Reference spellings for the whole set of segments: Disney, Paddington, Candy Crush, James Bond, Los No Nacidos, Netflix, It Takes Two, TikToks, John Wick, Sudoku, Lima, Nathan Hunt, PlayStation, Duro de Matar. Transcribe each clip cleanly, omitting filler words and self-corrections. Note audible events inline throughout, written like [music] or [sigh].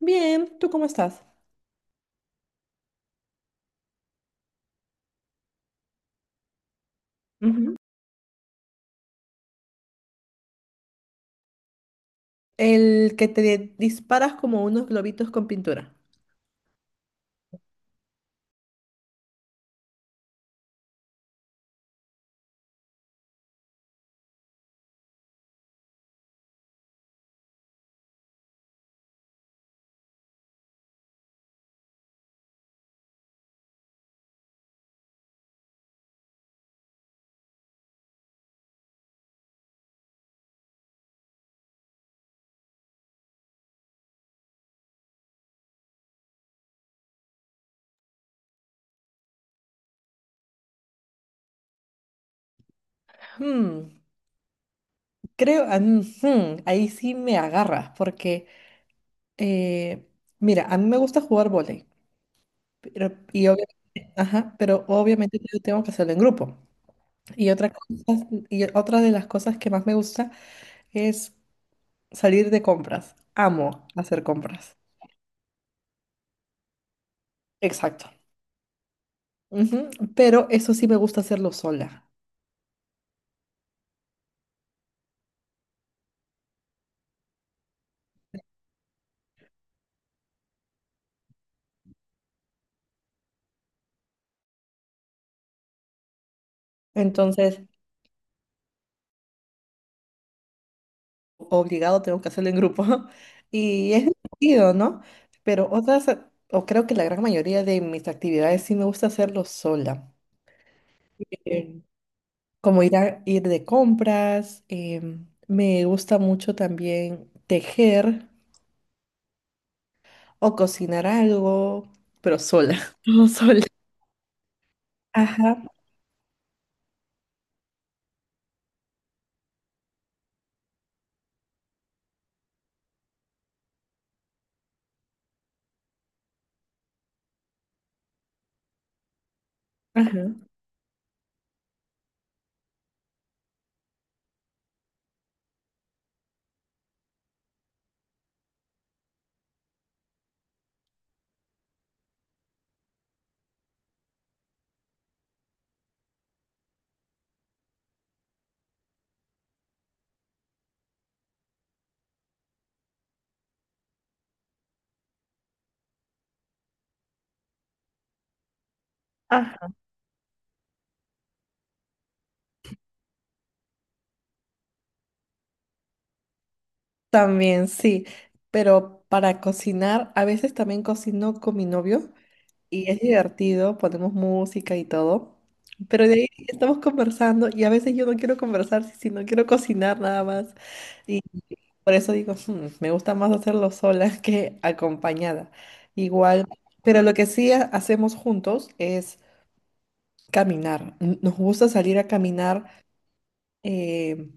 Bien, ¿tú cómo estás? Ujú. El que te disparas como unos globitos con pintura. Hmm, creo, ah, mm, hmm, ahí sí me agarras, porque, eh, mira, a mí me gusta jugar vóley, pero, y obviamente, ajá, pero obviamente yo tengo que hacerlo en grupo. Y y otra de las cosas que más me gusta es salir de compras. Amo hacer compras. Exacto. Ujú. Pero eso sí me gusta hacerlo sola. Entonces, obligado tengo que hacerlo en grupo. [laughs] Y es divertido, ¿no? Pero otras, o creo que la gran mayoría de mis actividades sí me gusta hacerlo sola. Bien. Como ir de compras, me gusta mucho también tejer o cocinar algo, pero sola. [laughs] Todo sola. Ajá, ajá. Ajá. También sí, pero para cocinar, a veces también cocino con mi novio. Y es divertido, ponemos música y todo. Pero de ahí estamos conversando y a veces yo no quiero conversar, si no quiero cocinar nada más. Y por eso digo, "Hmm, me gusta más hacerlo sola [laughs] que acompañada". Igual, pero lo que sí hacemos juntos es caminar. Nos gusta salir a caminar, eh,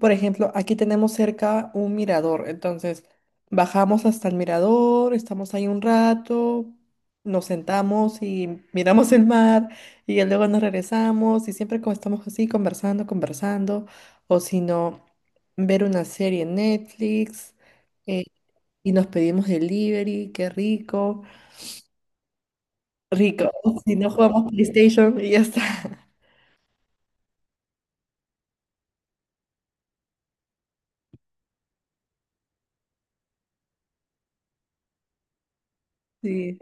por ejemplo, aquí tenemos cerca un mirador, entonces bajamos hasta el mirador, estamos ahí un rato, nos sentamos y [laughs] miramos el mar y ya luego nos regresamos y siempre como estamos así conversando, conversando, o si no, ver una serie en Netflix, eh, y nos pedimos delivery, qué rico, rico, [laughs] si no jugamos PlayStation y ya está. [laughs] Sí,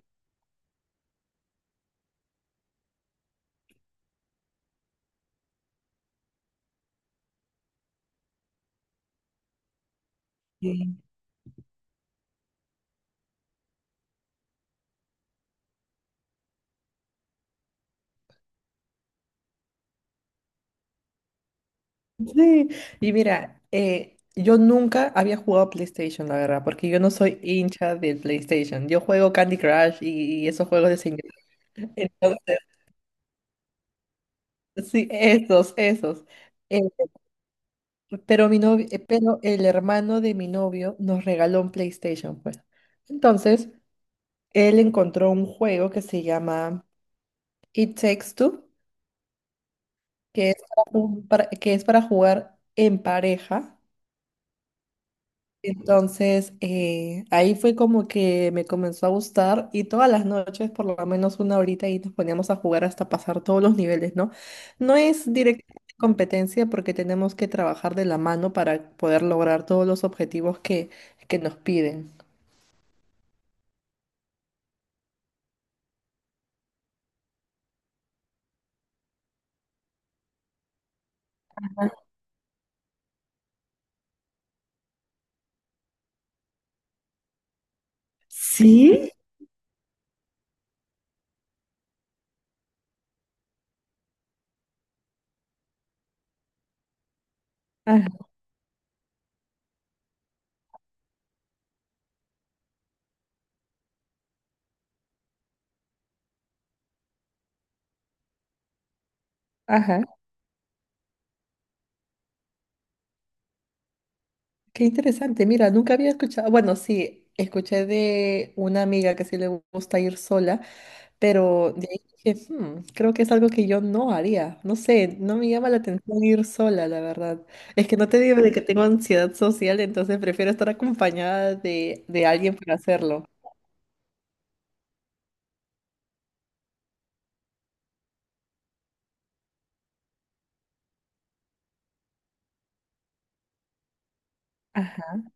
sí. Sí, y mira, yo nunca había jugado PlayStation, la verdad, porque yo no soy hincha del PlayStation. Yo juego Candy Crush y esos juegos de señor. Entonces, sí, esos, esos. Eh, pero el hermano de mi novio nos regaló un PlayStation, pues. Entonces, él encontró un juego que se llama It Takes Two, que es que es para jugar en pareja. Entonces, ahí fue como que me comenzó a gustar y todas las noches, por lo menos una horita, y nos poníamos a jugar hasta pasar todos los niveles, ¿no? No es directamente competencia porque tenemos que trabajar de la mano para poder lograr todos los objetivos que nos piden. ¿Sí? Ajá, ajá, qué interesante. Mira, nunca había escuchado, bueno, sí, escuché de una amiga que sí le gusta ir sola. Pero de ahí dije, "Hmm, creo que es algo que yo no haría. No sé, no me llama la atención ir sola, la verdad. Es que no te digo de que tengo ansiedad social, entonces prefiero estar acompañada de alguien para hacerlo". Ajá,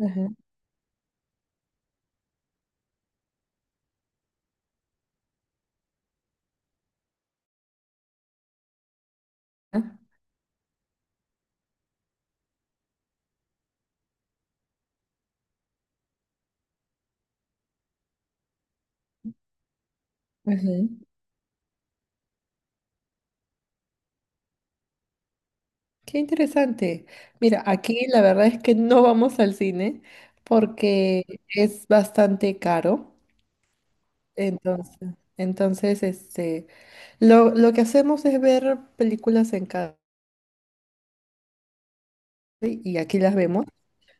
ajá, ajá. Ajá. Qué interesante. Mira, aquí la verdad es que no vamos al cine porque es bastante caro. Entonces, entonces, lo que hacemos es ver películas en casa y aquí las vemos.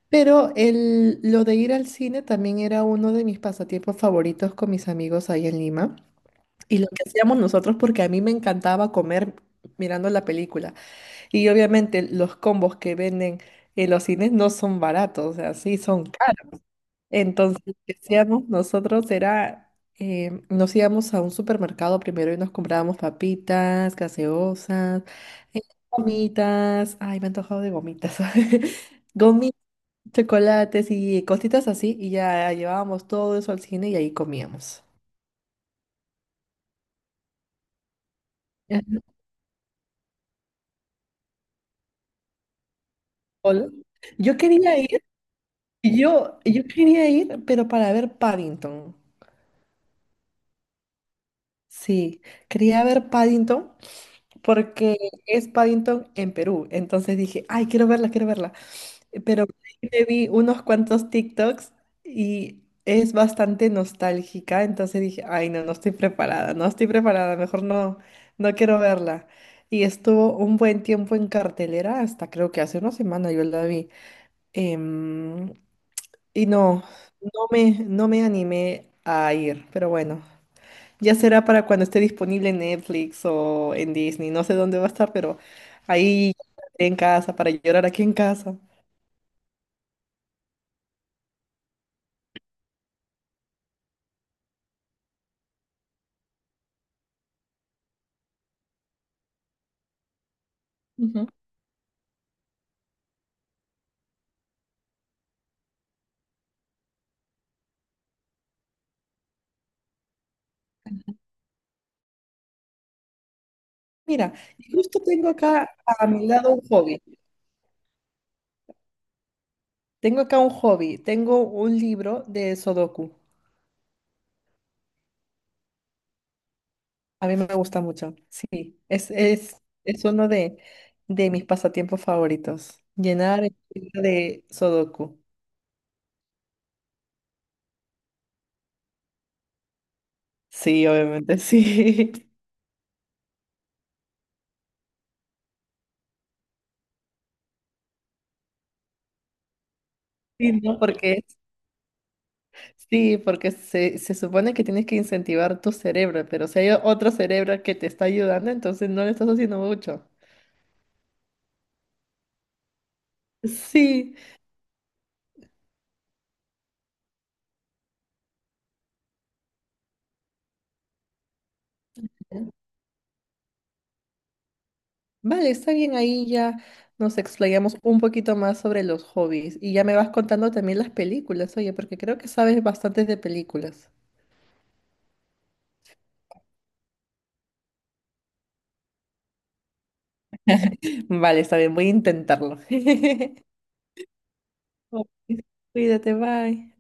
Pero lo de ir al cine también era uno de mis pasatiempos favoritos con mis amigos ahí en Lima. Y lo que hacíamos nosotros, porque a mí me encantaba comer mirando la película. Y obviamente los combos que venden en los cines no son baratos, o sea, sí son caros. Entonces, lo que hacíamos nosotros era, nos íbamos a un supermercado primero y nos comprábamos papitas, gaseosas, eh, gomitas. Ay, me he antojado de gomitas. [laughs] Gomitas, chocolates y cositas así, y ya llevábamos todo eso al cine y ahí comíamos. Ajá. Hola. Yo quería ir, yo quería ir, pero para ver Paddington. Sí, quería ver Paddington porque es Paddington en Perú. Entonces dije, ay, quiero verla, quiero verla. Pero me vi unos cuantos TikToks y es bastante nostálgica, entonces dije, ay, no, no estoy preparada, no estoy preparada, mejor no, no quiero verla. Y estuvo un buen tiempo en cartelera, hasta creo que hace una semana yo la vi. Em, y no, no me animé a ir, pero bueno, ya será para cuando esté disponible en Netflix o en Disney, no sé dónde va a estar, pero ahí en casa, para llorar aquí en casa. Ujú. Mira, y justo tengo acá a mi lado un hobby. Tengo acá un hobby. Tengo un libro de Sudoku. A mí me gusta mucho. Es uno de mis pasatiempos favoritos. Llenar el libro de Sudoku. Sí, obviamente, sí. [laughs] Sí, ¿no? Porque, sí, porque se supone que tienes que incentivar tu cerebro, pero si hay otro cerebro que te está ayudando, entonces no le estás haciendo mucho. Sí. Vale, está bien, ahí ya nos explayamos un poquito más sobre los hobbies y ya me vas contando también las películas, oye, porque creo que sabes bastantes de películas. Vale, está bien, voy a intentarlo. [laughs] Ok, cuídate, bye.